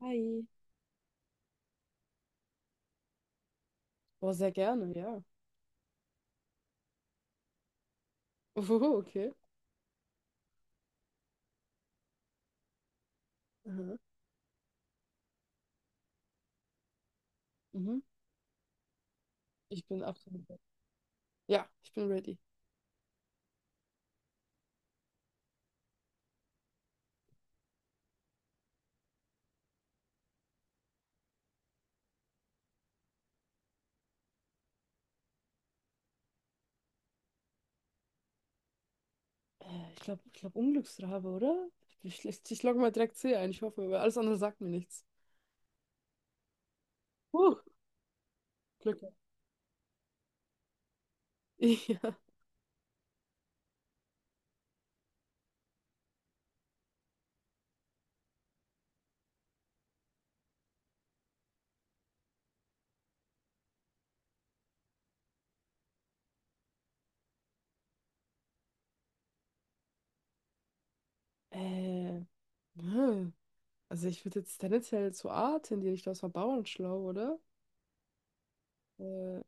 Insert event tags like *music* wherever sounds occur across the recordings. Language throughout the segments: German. Hi. Oh, sehr gerne, ja. Oh, okay. Aha. Mhm. Ich bin absolut. Ja, ich bin ready. Ich glaube, ich glaub Unglücksrabe, oder? Ich logge mal direkt C ein, ich hoffe, weil alles andere sagt mir nichts. Huh, Glück. *laughs* Ja. Äh, hm. Also ich würde jetzt tendenziell zu A tendieren. Ich glaube, es war Bauernschlau, oder? Äh,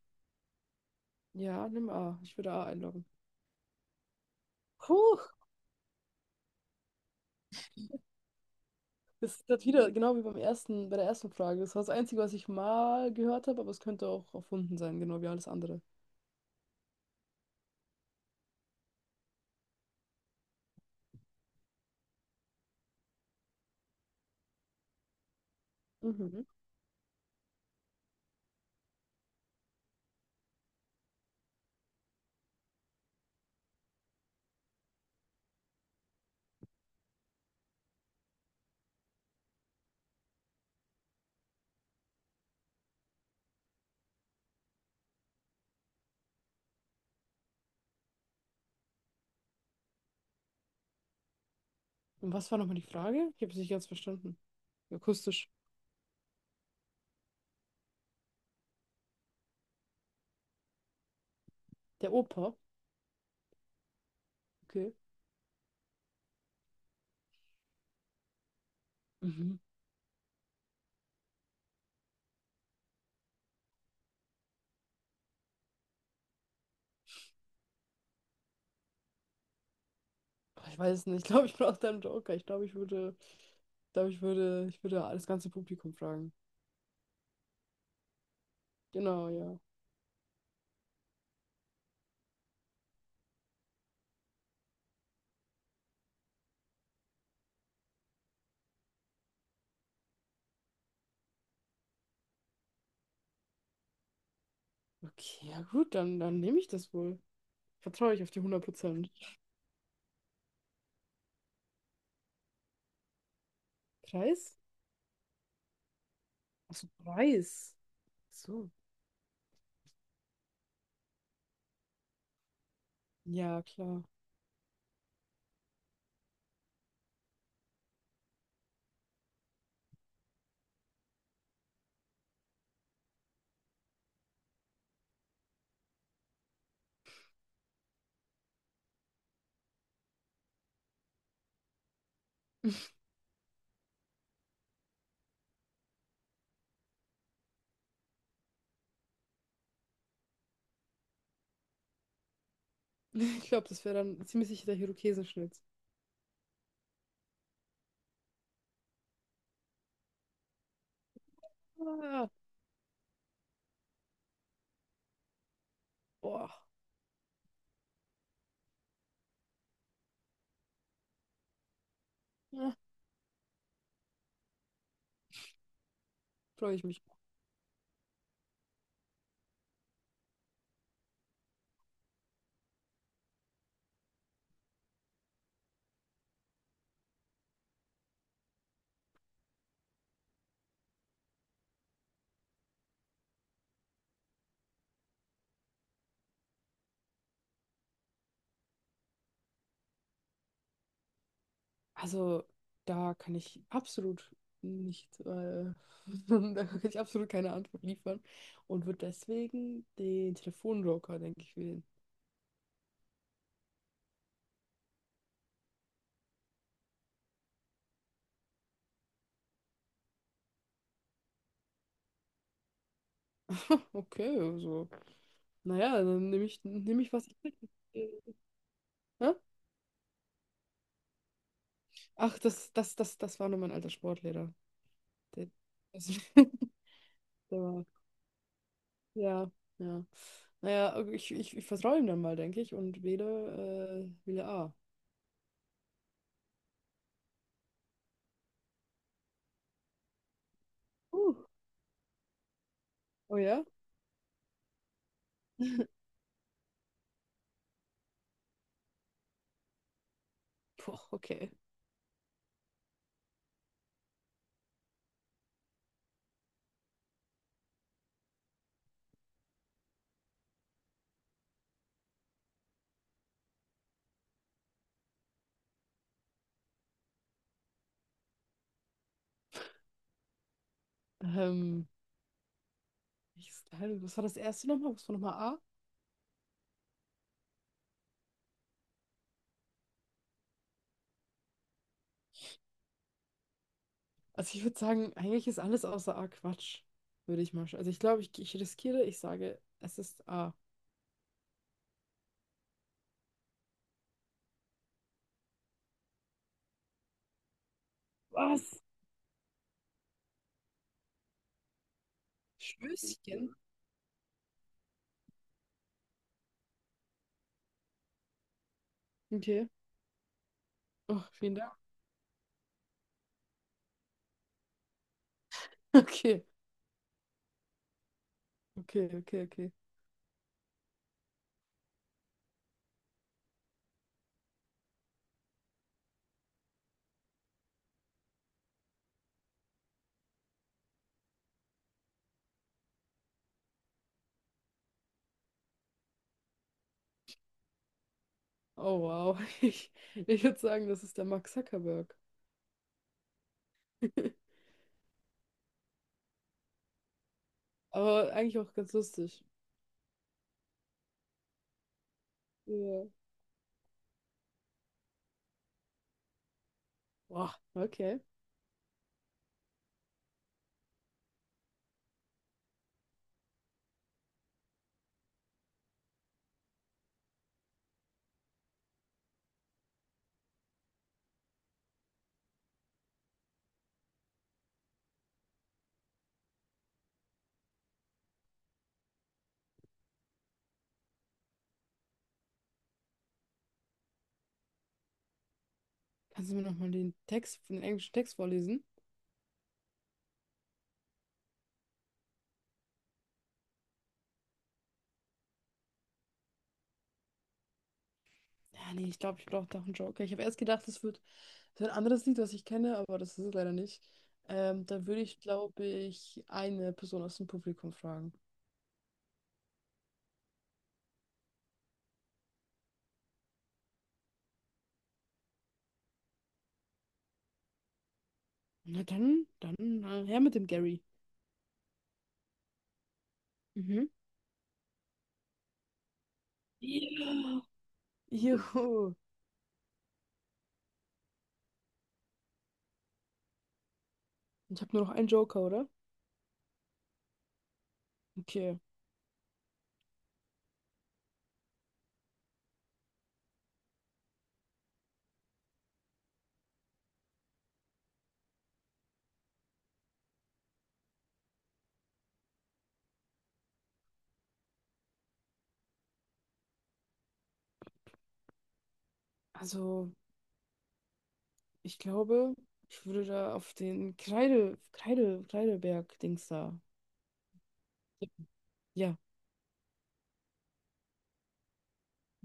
ja, nimm A. Ich würde A einloggen. Puh, das ist grad wieder genau wie beim ersten, bei der ersten Frage. Das war das Einzige, was ich mal gehört habe, aber es könnte auch erfunden sein, genau wie alles andere. Mhm. Und was war nochmal die Frage? Ich habe es nicht ganz verstanden. Akustisch. Der Opa? Okay. Mhm. Ach, ich weiß es nicht. Ich glaube, ich brauche da einen Joker. Ich glaube, ich würde, ich glaube, ich würde das ganze Publikum fragen. Genau, ja. Okay, ja gut, dann nehme ich das wohl. Vertraue ich auf die hundert Prozent. Preis? Achso, Preis. So. Ja, klar. *laughs* Ich glaube, das wäre dann ziemlich sicher der Irokesenschnitz. Ah, boah. Ja, freue ich mich. Also, da kann ich absolut nicht, *laughs* da kann ich absolut keine Antwort liefern und würde deswegen den Telefonjoker, denke ich, wählen. Okay, also, naja, nehm ich was. Ich kriege. Hä? Ach, das war nur mein alter Sportlehrer. Der, also, *laughs* der war, ja, ja. Naja, ich vertraue ihm dann mal, denke ich, und wähle A. Uh, oh ja? *laughs* Puh, okay. Ähm. Ich, was war das erste nochmal? Was war nochmal A? Also ich würde sagen, eigentlich ist alles außer A Quatsch, würde ich mal. Sch- Also ich glaube, ich riskiere, ich sage, es ist A. Was? Stößchen? Okay. Oh, vielen Dank. *laughs* Okay, okay. Oh wow. *laughs* Ich würde sagen, das ist der Mark Zuckerberg. *laughs* Aber eigentlich auch ganz lustig. Ja. Boah, okay. Kannst du mir nochmal den Text, den englischen Text vorlesen? Ja, nee, ich glaube, ich brauche doch einen Joker. Ich habe erst gedacht, es wird so ein anderes Lied, was ich kenne, aber das ist es leider nicht. Da würde ich, glaube ich, eine Person aus dem Publikum fragen. Na dann, her mit dem Gary. Mhm. Ja. Juhu. Ich habe nur noch einen Joker, oder? Okay. Also, ich glaube, ich würde da auf den Kreideberg-Dings da tippen. Ja.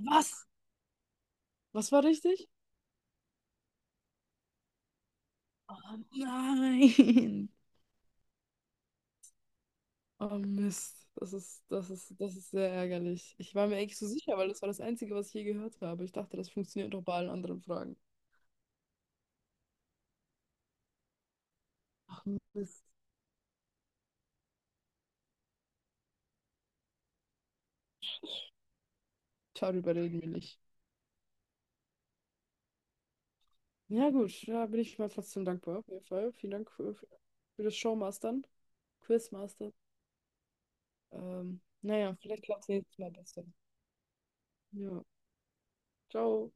Was? Was war richtig? Oh nein. Oh Mist, das ist sehr ärgerlich. Ich war mir eigentlich so sicher, weil das war das Einzige, was ich je gehört habe. Ich dachte, das funktioniert doch bei allen anderen Fragen. Mist. Darüber reden wir nicht. Ja gut, da bin ich mal trotzdem dankbar, auf jeden Fall. Vielen Dank für das Showmastern, Quizmastern. Naja, vielleicht klappt es nächstes Mal besser. Ja, ciao.